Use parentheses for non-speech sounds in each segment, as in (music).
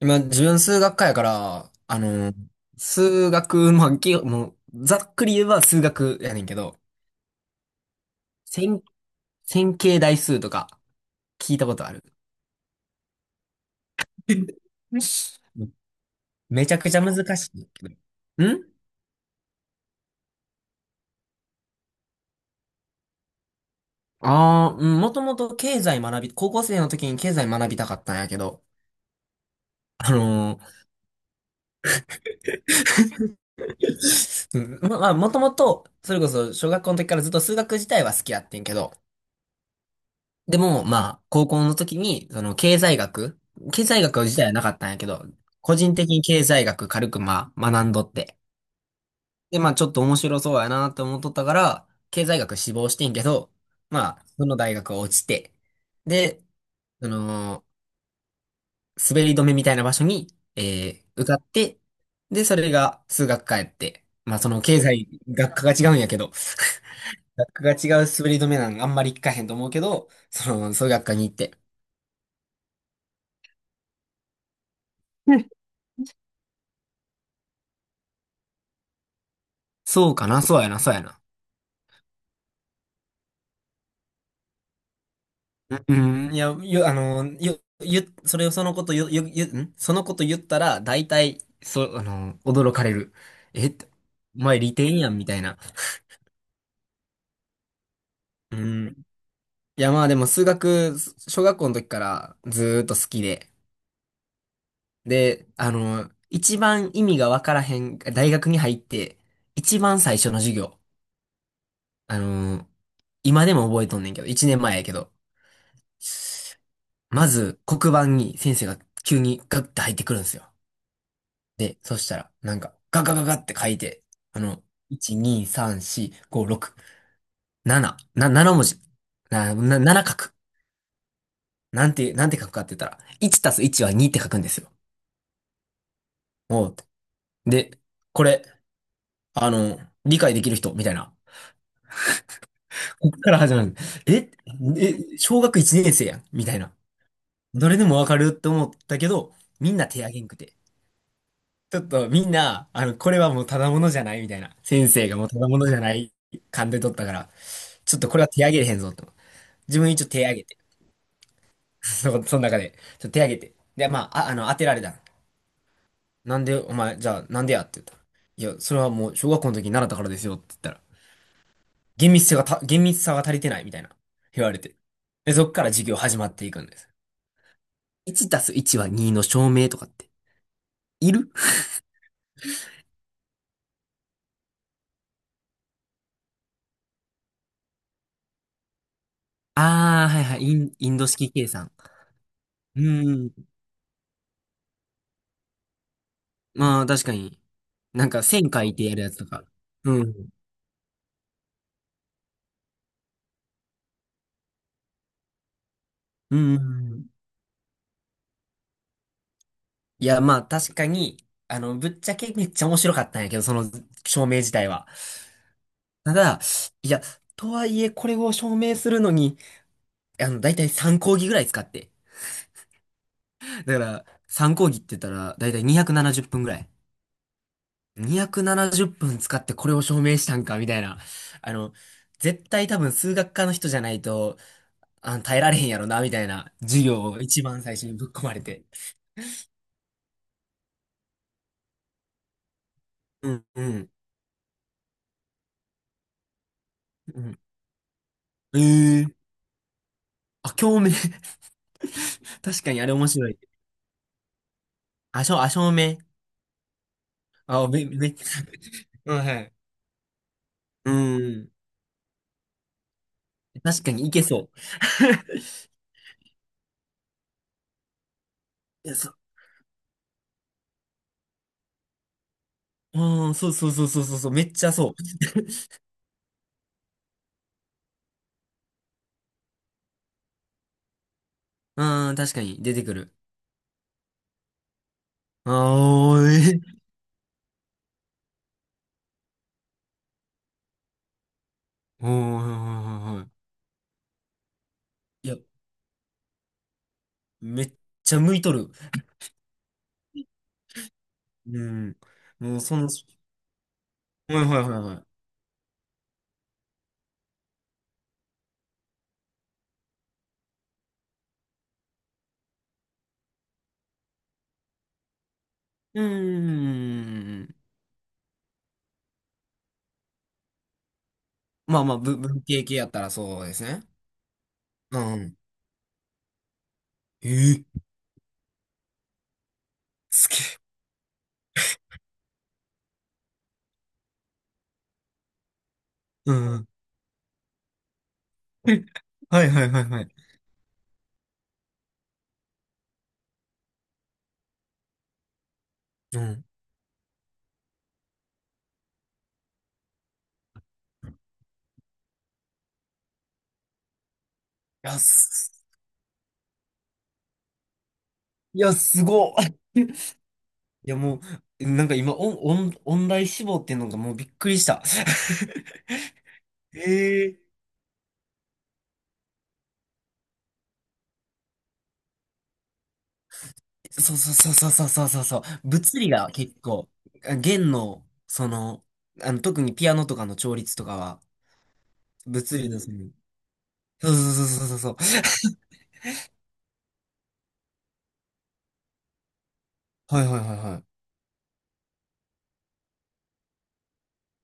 今、自分数学科やから、数学、まあ、きもう、ざっくり言えば数学やねんけど、線、線形代数とか聞いたことある。(laughs) めちゃくちゃ難しいけど。んもともと経済学び、高校生の時に経済学びたかったんやけど、あのー、(laughs) うん、まあ、もともと、それこそ小学校の時からずっと数学自体は好きやってんけど、でも、まあ、高校の時に、経済学自体はなかったんやけど、個人的に経済学軽く、まあ、学んどって。で、まあ、ちょっと面白そうやなって思っとったから、経済学志望してんけど、まあ、その大学は落ちて、で、その、滑り止めみたいな場所に、受かって、で、それが数学科やって、まあ、その、経済学科が違うんやけど、(laughs) 学科が違う滑り止めなんあんまり聞かへんと思うけど、その、数学科に行って、そうかな、そうやな、そうやな。うん、うん、いや、よ、あの、よ、よ、それをそのこと、よ、よ、よ、んそのこと言ったら、大体、そう、驚かれる。え、お前利点やん、みたいな。うん。いや、まあでも数学、小学校の時からずーっと好きで。で、一番意味がわからへん、大学に入って、一番最初の授業。あの、今でも覚えとんねんけど、一年前やけど。まず、黒板に先生が急にガッて入ってくるんですよ。で、そしたら、なんか、ガガガガって書いて、あの、1、2、3、4、5、6、7、7文字。7書く。なんて書くかって言ったら、1たす1は2って書くんですよ。おう。で、これ、あの、理解できる人、みたいな。こっから始まる。え、小学1年生やん、みたいな。どれでもわかるって思ったけど、みんな手挙げんくて。ちょっとみんな、これはもうただものじゃないみたいな。先生がもうただものじゃない勘で取ったから、ちょっとこれは手上げれへんぞと。自分一応手上げて。(laughs) その中で。ちょっと手上げて。で、まあ、当てられた。なんで、お前、じゃあ、なんでやって言ったら。いや、それはもう小学校の時に習ったからですよって言ったら、厳密さが足りてないみたいな。言われて。で、そっから授業始まっていくんです。1たす1は2の証明とかって、いる。ああー、はいはい、インド式計算。うーん。まあ、確かに。なんか、線書いてやるやつとか。うん。うん。いや、まあ、確かに、ぶっちゃけめっちゃ面白かったんやけど、その証明自体は。ただ、いや、とはいえ、これを証明するのに、だいたい3講義ぐらい使って。だから、3講義って言ったら、だいたい270分ぐらい。270分使ってこれを証明したんか、みたいな。あの、絶対多分数学科の人じゃないと、耐えられへんやろな、みたいな授業を一番最初にぶっ込まれて。うん、うん、うん。ええ、共鳴。 (laughs) 確かにあれ面白い。あ、しょ、あ、照明。めっちゃ。(laughs) うん、はい。うん。確かにいけそう。(laughs) いや、そう、うん、そうそうそうそうそう、そう、めっちゃそう。(laughs) うん、確かに出てくる。ああ、うん、はいはいはいはい。いや、めっちゃ向いとる。うん。もう、その、はいはいはいはい。うーん。まあまあ、文系系やったらそうですね。うん。ええ、すげえ。うん。(laughs) はいはいはいはい。うん。いや、いや、すごっ。(laughs) いや、もう、なんか今、オン、オン、音大志望っていうのがもうびっくりした。(laughs) ええ、そうそうそうそうそうそうそうそう。物理が結構、弦の、特にピアノとかの調律とかは、物理のその、そうそうそうそうそう。そう、はいはいはいはい。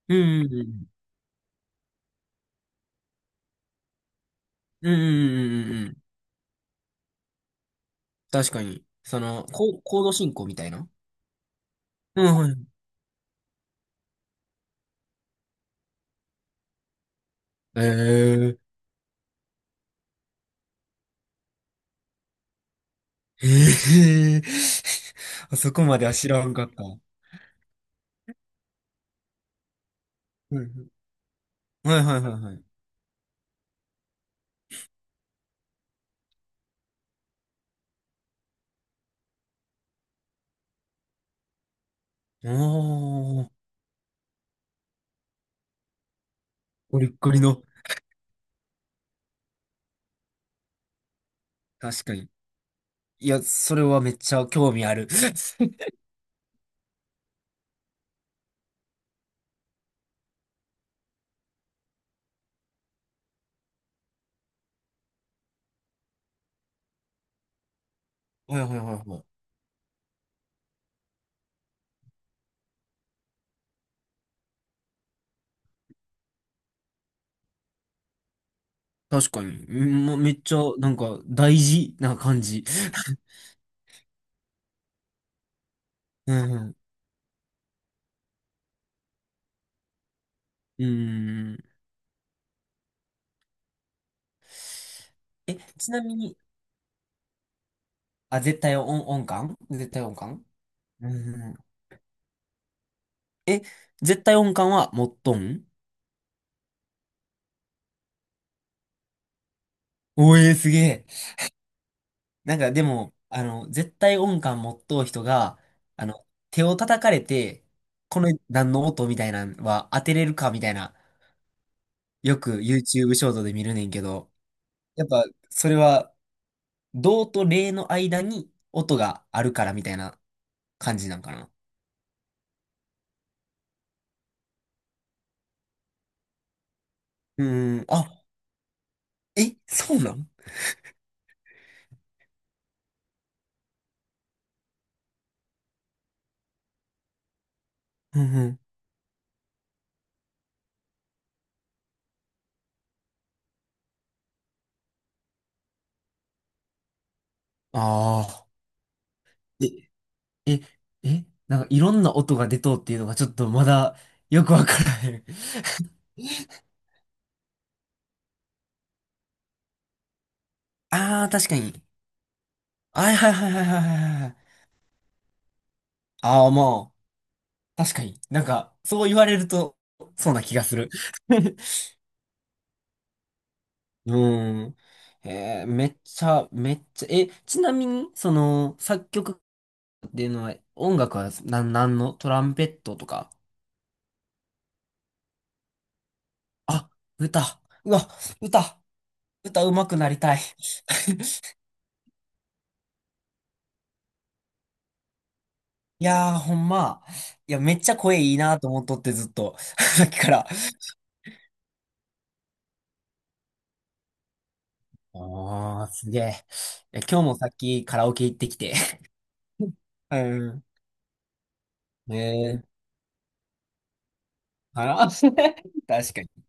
うんうんうん。うんうんうんうんうん。確かに。その、コード進行みたいな。うん、はい。ええええ。 (laughs) あそこまでは知らんかった。はいはいはいはいはいはい。おー、ゴリッゴリの。確かに。いや、それはめっちゃ興味ある。(laughs) はいはいはいはい。確かに。うん、もうめっちゃ、なんか、大事な感じ。うんうん。うん。え、ちなみに、絶対音、音感絶対音感。うんうん。え、絶対音感は持っとん？おえー、すげえ。なんかでも、絶対音感持っとう人が、手を叩かれて、この何の音みたいなのは当てれるかみたいな、よく YouTube ショートで見るねんけど、やっぱそれは、動と霊の間に音があるからみたいな感じなんかな。うーん、え、そうなん。うんうん。ああ。え、え、なんかいろんな音が出とうっていうのがちょっとまだよくわからへん。ああ、確かに。はいはいはいはいはいはいはい。ああ、まあ、確かに。なんか、そう言われると、そうな気がする。(laughs) うん。めっちゃ、めっちゃ、え、ちなみに、その、作曲っていうのは、音楽は、なんのトランペットとか。あ、歌。うわ、歌。歌上手くなりたい。(laughs) いやー、ほんま。いや、めっちゃ声いいなと思っとって、ずっと。(laughs) さっきから。おー、すげえ。いや今日もさっきカラオケ行ってきて。(laughs) うん。ねえ、あら。 (laughs) 確か